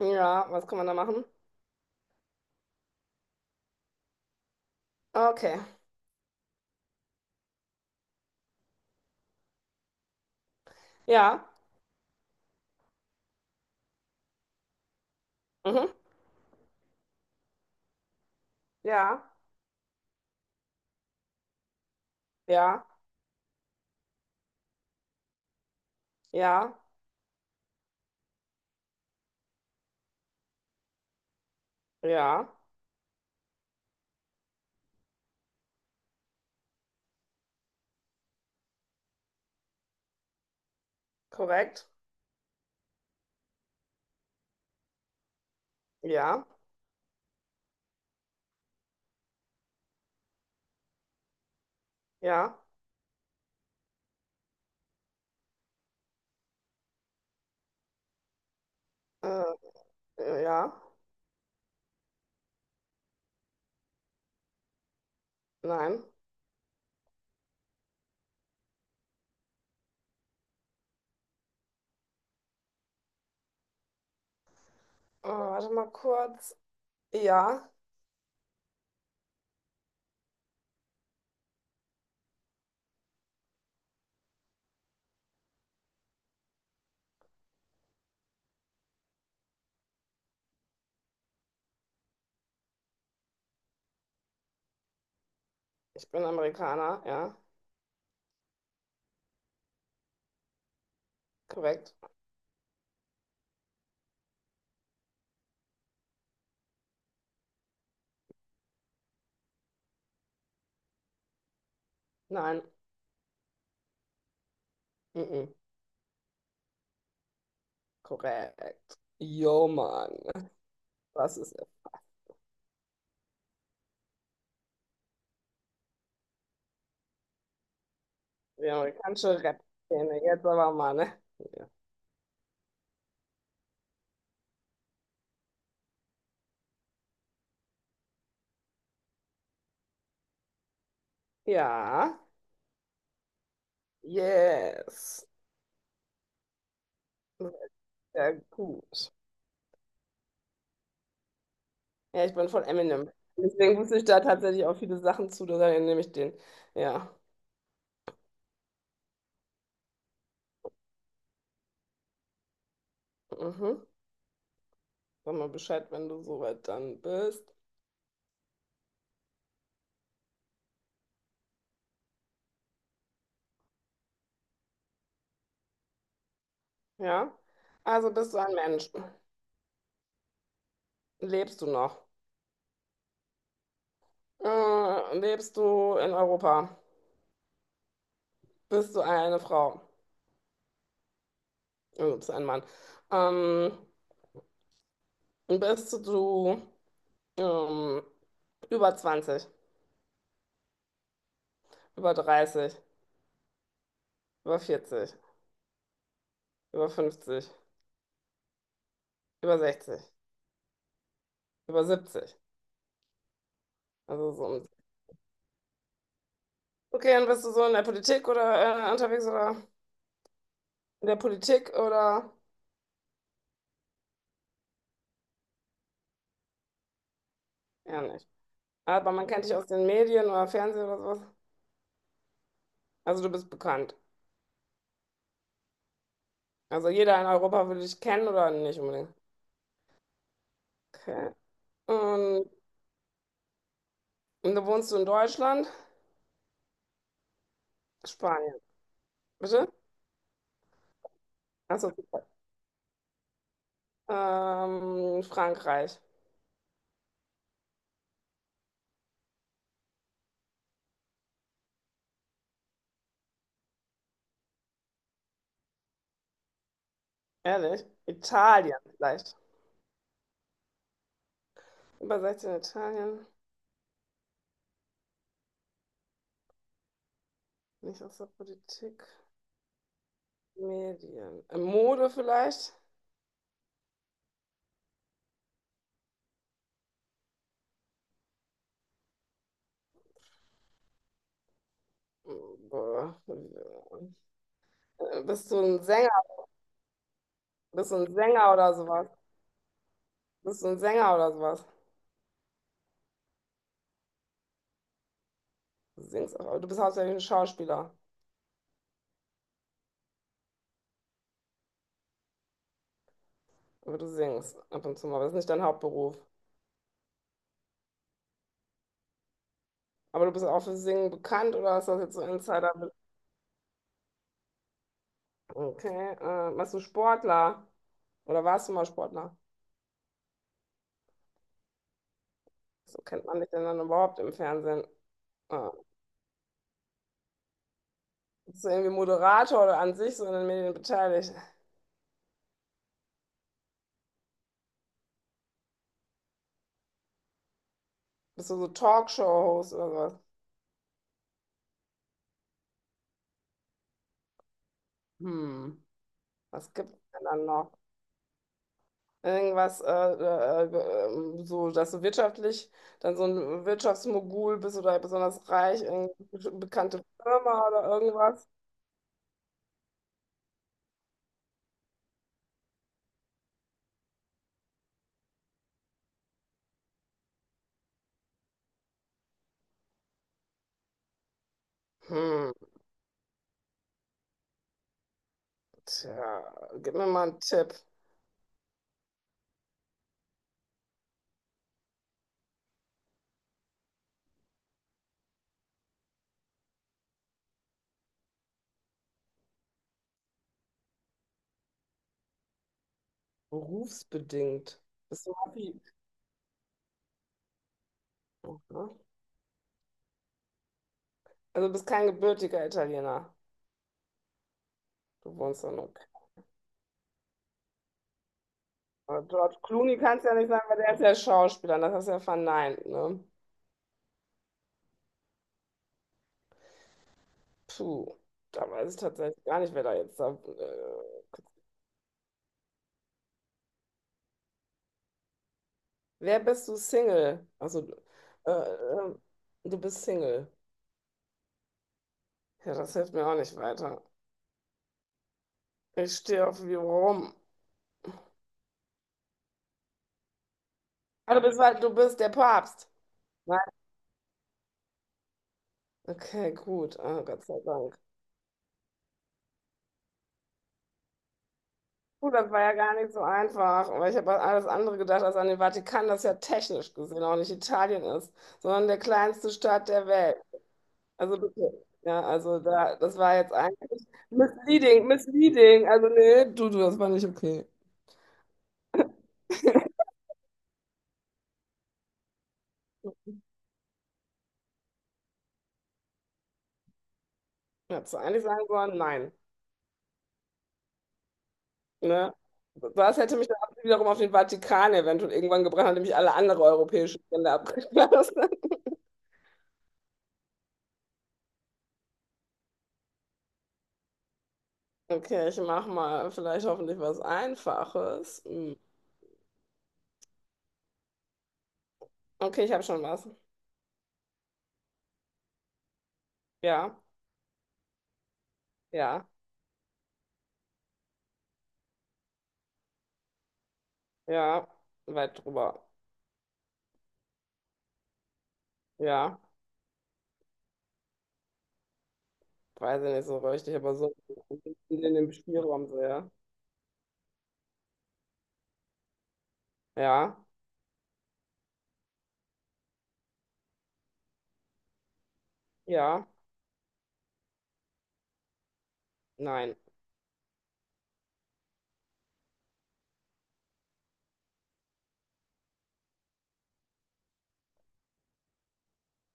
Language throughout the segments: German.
Ja, was kann man da machen? Okay. Ja. Mhm. Ja. Ja. Ja. Ja. Korrekt. Ja. Ja. Äh, ja. Nein. Oh, warte mal kurz. Ja. Ich bin Amerikaner. Ja. Korrekt. Nein. Mhm. Korrekt. Yo, Mann. Das ist die amerikanische Rap-Szene. Jetzt aber mal, ne? Ja. Ja. Yes. Sehr gut. Ja, ich bin von Eminem. Deswegen wusste ich da tatsächlich auch viele Sachen zu, daher nehme ich den. Ja. Mhm. Sag mal Bescheid, wenn du soweit dann bist. Ja. Also bist du ein Mensch. Lebst du noch? Lebst du in Europa? Bist du eine Frau? Also bist du ein Mann. Ähm, bist du ähm, über zwanzig, über dreißig, über vierzig, über fünfzig, über sechzig, über siebzig. Also so um. Okay, und bist du so in der Politik oder unterwegs oder in der Politik oder ja nicht. Aber man kennt dich aus den Medien oder Fernsehen oder sowas. Also du bist bekannt. Also jeder in Europa will dich kennen oder nicht unbedingt. Okay. Und, und da wohnst du in Deutschland? Spanien. Bitte? Achso. Frankreich. Ehrlich? Italien vielleicht. Über 16 Italien. Nicht aus der Politik. Medien. Mode vielleicht? Boah. Bist du ein Sänger? Bist du ein Sänger oder sowas? Bist du ein Sänger oder sowas? Du singst auch, aber du bist hauptsächlich ein Schauspieler, aber du singst ab und zu mal. Aber das ist nicht dein Hauptberuf. Aber du bist auch für Singen bekannt oder ist das jetzt so Insider? Okay. Warst du Sportler? Oder warst du mal Sportler? So kennt man dich denn dann überhaupt im Fernsehen. Ah. Bist du irgendwie Moderator oder an sich so in den Medien beteiligt? Bist du so Talkshow-Host oder sowas? Hm, was gibt's denn dann noch? Irgendwas, so, dass du wirtschaftlich dann so ein Wirtschaftsmogul bist oder besonders reich, irgendeine bekannte Firma oder irgendwas? Hm, tja, gib mir mal einen Tipp. Berufsbedingt. Bist du Maffi? Mhm. Also du bist kein gebürtiger Italiener. Du wohnst in UK. Aber George Clooney kannst du ja nicht sagen, weil der ist ja Schauspieler und das hast du ja verneint, ne? Puh, da weiß ich tatsächlich gar nicht, wer da jetzt da, äh, wer bist du Single? Also, äh, äh, du bist Single. Ja, das hilft mir auch nicht weiter. Ich stehe auf wie rum. Ah, du bist der Papst. Nein. Okay, gut. Ah, Gott sei Dank. Gut, das war ja gar nicht so einfach, weil ich habe an alles andere gedacht, als an den Vatikan, das ja technisch gesehen auch nicht Italien ist, sondern der kleinste Staat der Welt. Also bitte. Ja, also da, das war jetzt eigentlich misleading, misleading. Also nee, du, das war nicht okay. Hättest du eigentlich sagen sollen, nein. Ne? Was hätte mich dann wiederum auf den Vatikan eventuell irgendwann gebracht, nachdem ich alle anderen europäischen Länder abgeschlossen habe. Okay, ich mache mal vielleicht hoffentlich was Einfaches. Hm. Okay, ich habe schon was. Ja, ja, ja, weit drüber. Ja, weiß ich nicht so richtig, aber so in dem Spielraum sehr. Ja, ja, nein.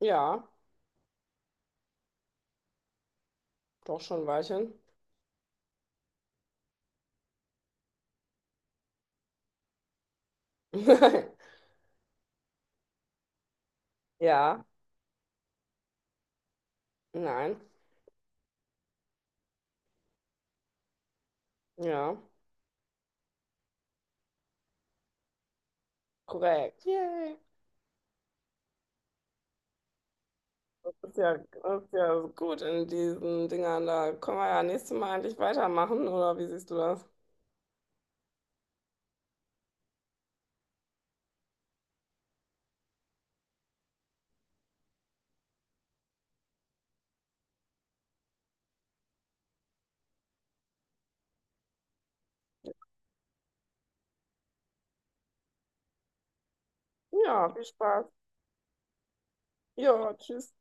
Ja, doch schon ein Weilchen. Ja, nein. Ja, korrekt. Yay. Das ist ja gut in diesen Dingern. Da können wir ja nächstes Mal endlich weitermachen, oder wie siehst du das? Ja, viel Spaß. Ja, tschüss.